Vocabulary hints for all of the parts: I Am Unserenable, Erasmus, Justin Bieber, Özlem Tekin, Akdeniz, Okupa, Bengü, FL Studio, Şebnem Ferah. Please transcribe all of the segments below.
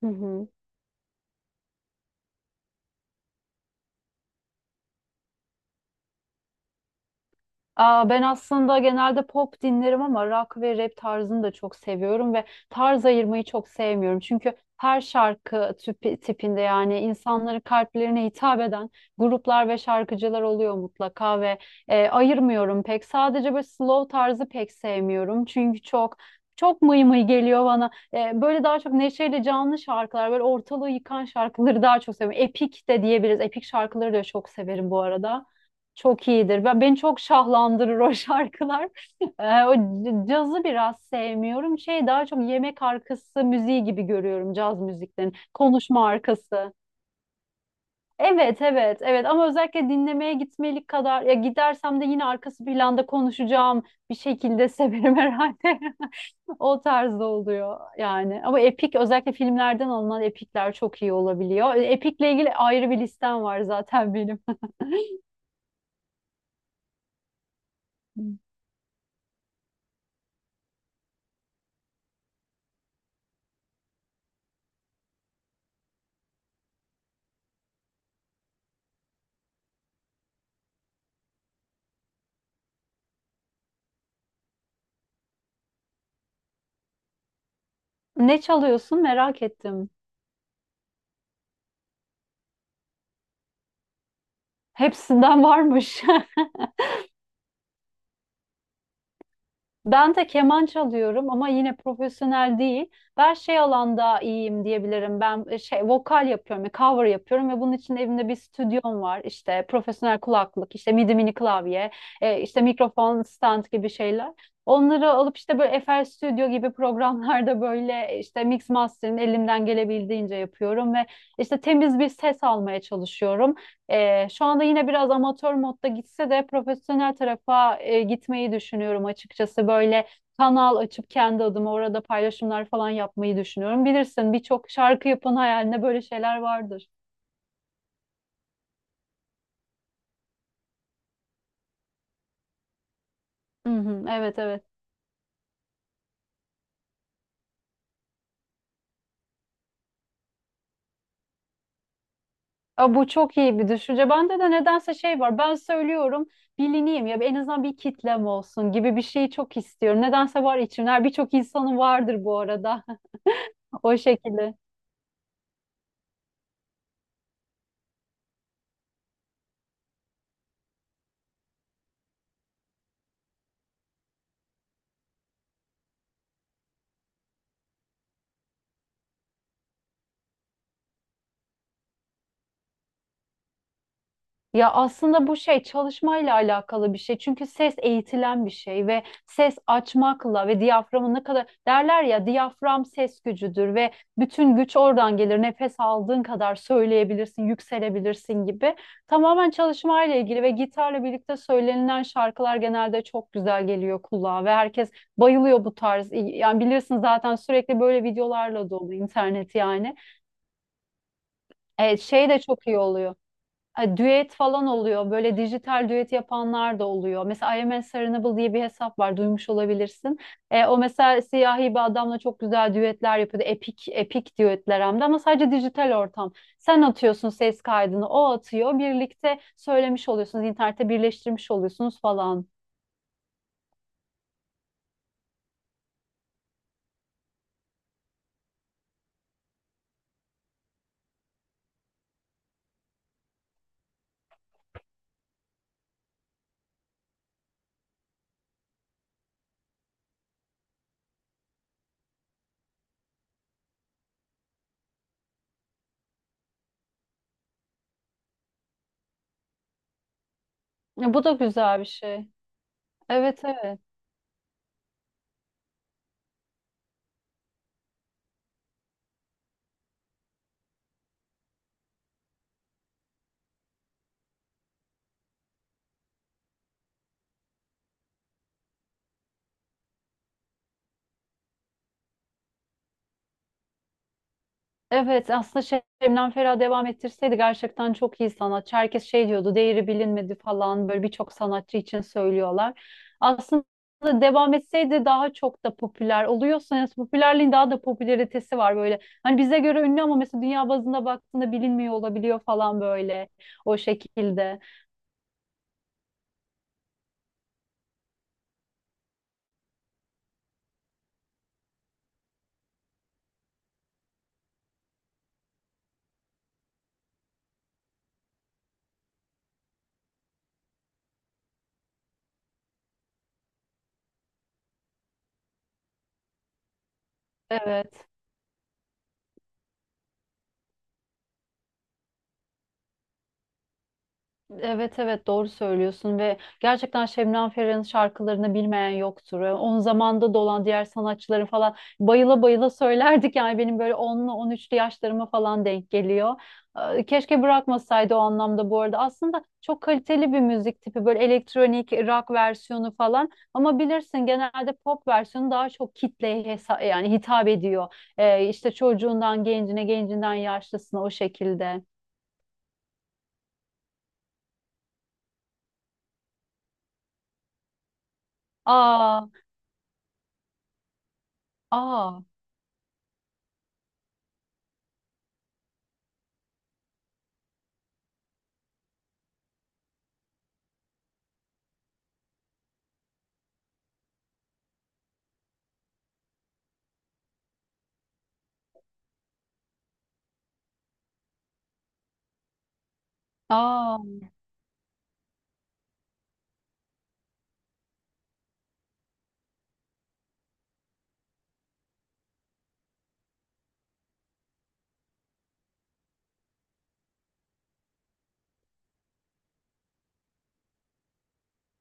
Hı hı. Aa, ben aslında genelde pop dinlerim ama rock ve rap tarzını da çok seviyorum ve tarz ayırmayı çok sevmiyorum. Çünkü her şarkı tipinde yani insanların kalplerine hitap eden gruplar ve şarkıcılar oluyor mutlaka ve ayırmıyorum pek. Sadece böyle slow tarzı pek sevmiyorum. Çünkü çok mıy mıy geliyor bana. Böyle daha çok neşeyle canlı şarkılar, böyle ortalığı yıkan şarkıları daha çok seviyorum. Epik de diyebiliriz. Epik şarkıları da çok severim bu arada. Çok iyidir. Ben beni çok şahlandırır o şarkılar. O cazı biraz sevmiyorum. Şey daha çok yemek arkası müziği gibi görüyorum caz müziklerini. Konuşma arkası. Evet, evet, evet. Ama özellikle dinlemeye gitmelik kadar ya gidersem de yine arkası planda konuşacağım bir şekilde severim herhalde. O tarzda oluyor yani. Ama epik özellikle filmlerden alınan epikler çok iyi olabiliyor. Epikle ilgili ayrı bir listem var zaten benim. Ne çalıyorsun merak ettim. Hepsinden varmış. Ben de keman çalıyorum ama yine profesyonel değil. Ben şey alanda iyiyim diyebilirim. Ben şey vokal yapıyorum, cover yapıyorum ve bunun için evimde bir stüdyom var. İşte profesyonel kulaklık, işte midi mini klavye, işte mikrofon stand gibi şeyler. Onları alıp işte böyle FL Studio gibi programlarda böyle işte mix master'ın elimden gelebildiğince yapıyorum ve işte temiz bir ses almaya çalışıyorum. Şu anda yine biraz amatör modda gitse de profesyonel tarafa gitmeyi düşünüyorum açıkçası. Böyle kanal açıp kendi adıma orada paylaşımlar falan yapmayı düşünüyorum. Bilirsin birçok şarkı yapan hayalinde böyle şeyler vardır. Hı hı, evet evet. Aa, bu çok iyi bir düşünce. Bende de nedense şey var. Ben söylüyorum bilineyim ya en azından bir kitlem olsun gibi bir şeyi çok istiyorum. Nedense var içimler. Birçok insanın vardır bu arada. O şekilde. Ya aslında bu şey çalışmayla alakalı bir şey. Çünkü ses eğitilen bir şey ve ses açmakla ve diyaframın ne kadar derler ya diyafram ses gücüdür ve bütün güç oradan gelir. Nefes aldığın kadar söyleyebilirsin, yükselebilirsin gibi. Tamamen çalışmayla ilgili ve gitarla birlikte söylenilen şarkılar genelde çok güzel geliyor kulağa ve herkes bayılıyor bu tarz. Yani bilirsin zaten sürekli böyle videolarla dolu internet yani. Evet, şey de çok iyi oluyor düet falan oluyor. Böyle dijital düet yapanlar da oluyor. Mesela I Am Unserenable diye bir hesap var. Duymuş olabilirsin. E, o mesela siyahi bir adamla çok güzel düetler yapıyordu. Epik, epik düetler hem de ama sadece dijital ortam. Sen atıyorsun ses kaydını, o atıyor. Birlikte söylemiş oluyorsunuz. İnternette birleştirmiş oluyorsunuz falan. E, bu da güzel bir şey. Evet evet. Evet aslında şey, Şebnem Ferah devam ettirseydi gerçekten çok iyi sanatçı. Herkes şey diyordu değeri bilinmedi falan böyle birçok sanatçı için söylüyorlar. Aslında devam etseydi daha çok da popüler oluyorsa yani popülerliğin daha da popülaritesi var böyle. Hani bize göre ünlü ama mesela dünya bazında baktığında bilinmiyor olabiliyor falan böyle o şekilde. Evet. Evet evet doğru söylüyorsun ve gerçekten Şebnem Ferah'ın şarkılarını bilmeyen yoktur. Yani onun zamanda da olan diğer sanatçıların falan bayıla bayıla söylerdik yani benim böyle onlu on üçlü yaşlarıma falan denk geliyor. Keşke bırakmasaydı o anlamda bu arada. Aslında çok kaliteli bir müzik tipi böyle elektronik rock versiyonu falan ama bilirsin genelde pop versiyonu daha çok kitleye yani hitap ediyor. İşte çocuğundan gencine, gencinden yaşlısına o şekilde. Aa, aa, aa.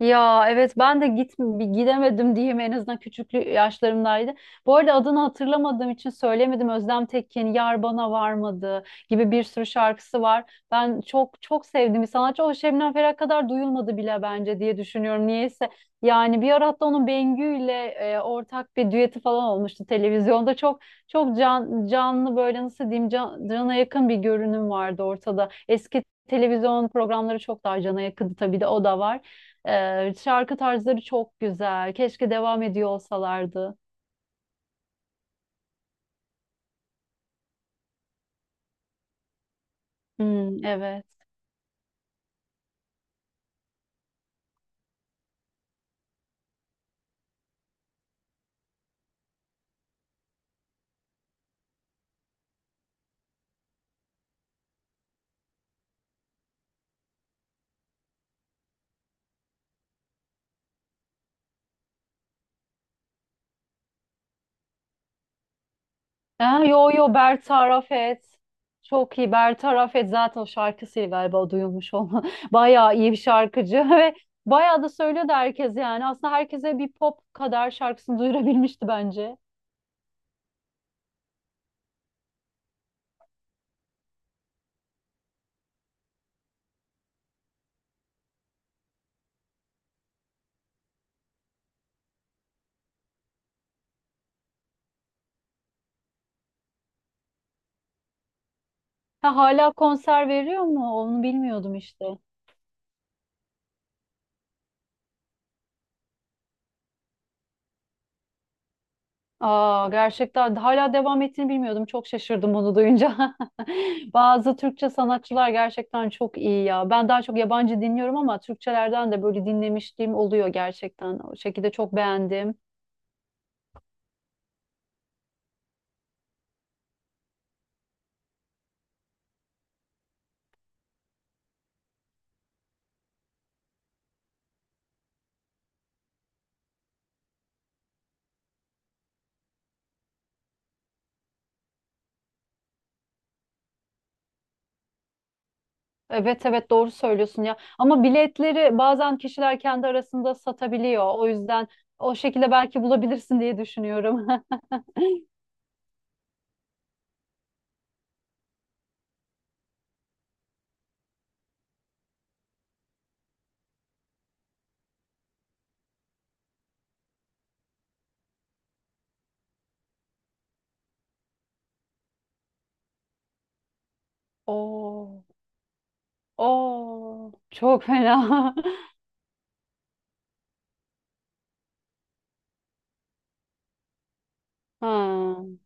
Ya evet ben de gidemedim diyeyim en azından küçüklü yaşlarımdaydı. Bu arada adını hatırlamadığım için söylemedim. Özlem Tekin, Yar Bana Varmadı gibi bir sürü şarkısı var. Ben çok çok sevdiğim bir sanatçı. O Şebnem Ferah kadar duyulmadı bile bence diye düşünüyorum. Niyeyse yani bir ara hatta onun Bengü ile ortak bir düeti falan olmuştu televizyonda. Çok canlı böyle nasıl diyeyim cana yakın bir görünüm vardı ortada. Eski televizyon programları çok daha cana yakındı tabii de o da var. Şarkı tarzları çok güzel. Keşke devam ediyor olsalardı. Hmm, evet. Ha, yo yo Bertaraf et. Çok iyi. Bertaraf et zaten o şarkısıyla galiba duyulmuş olma. Bayağı iyi bir şarkıcı ve bayağı da söylüyordu herkes yani. Aslında herkese bir pop kadar şarkısını duyurabilmişti bence. Ha, hala konser veriyor mu? Onu bilmiyordum işte. Aa, gerçekten hala devam ettiğini bilmiyordum. Çok şaşırdım onu duyunca. Bazı Türkçe sanatçılar gerçekten çok iyi ya. Ben daha çok yabancı dinliyorum ama Türkçelerden de böyle dinlemişliğim oluyor gerçekten. O şekilde çok beğendim. Evet evet doğru söylüyorsun ya. Ama biletleri bazen kişiler kendi arasında satabiliyor. O yüzden o şekilde belki bulabilirsin diye düşünüyorum. Oo, oo, çok fena. Ha.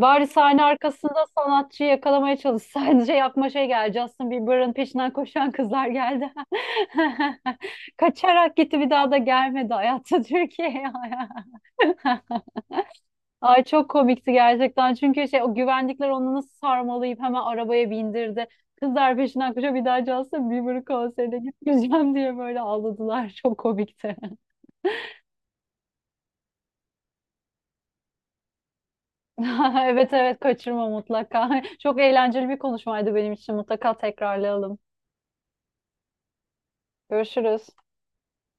Bari sahne arkasında sanatçıyı yakalamaya çalışsaydı şey yapma şey geldi. Justin Bieber'ın peşinden koşan kızlar geldi. Kaçarak gitti bir daha da gelmedi hayatta Türkiye'ye. Ay çok komikti gerçekten. Çünkü şey o güvenlikler onu nasıl sarmalayıp hemen arabaya bindirdi. Kızlar peşinden koşuyor bir daha Justin Bieber'ın konserine gitmeyeceğim diye böyle ağladılar. Çok komikti. Evet evet kaçırma mutlaka. Çok eğlenceli bir konuşmaydı benim için. Mutlaka tekrarlayalım. Görüşürüz.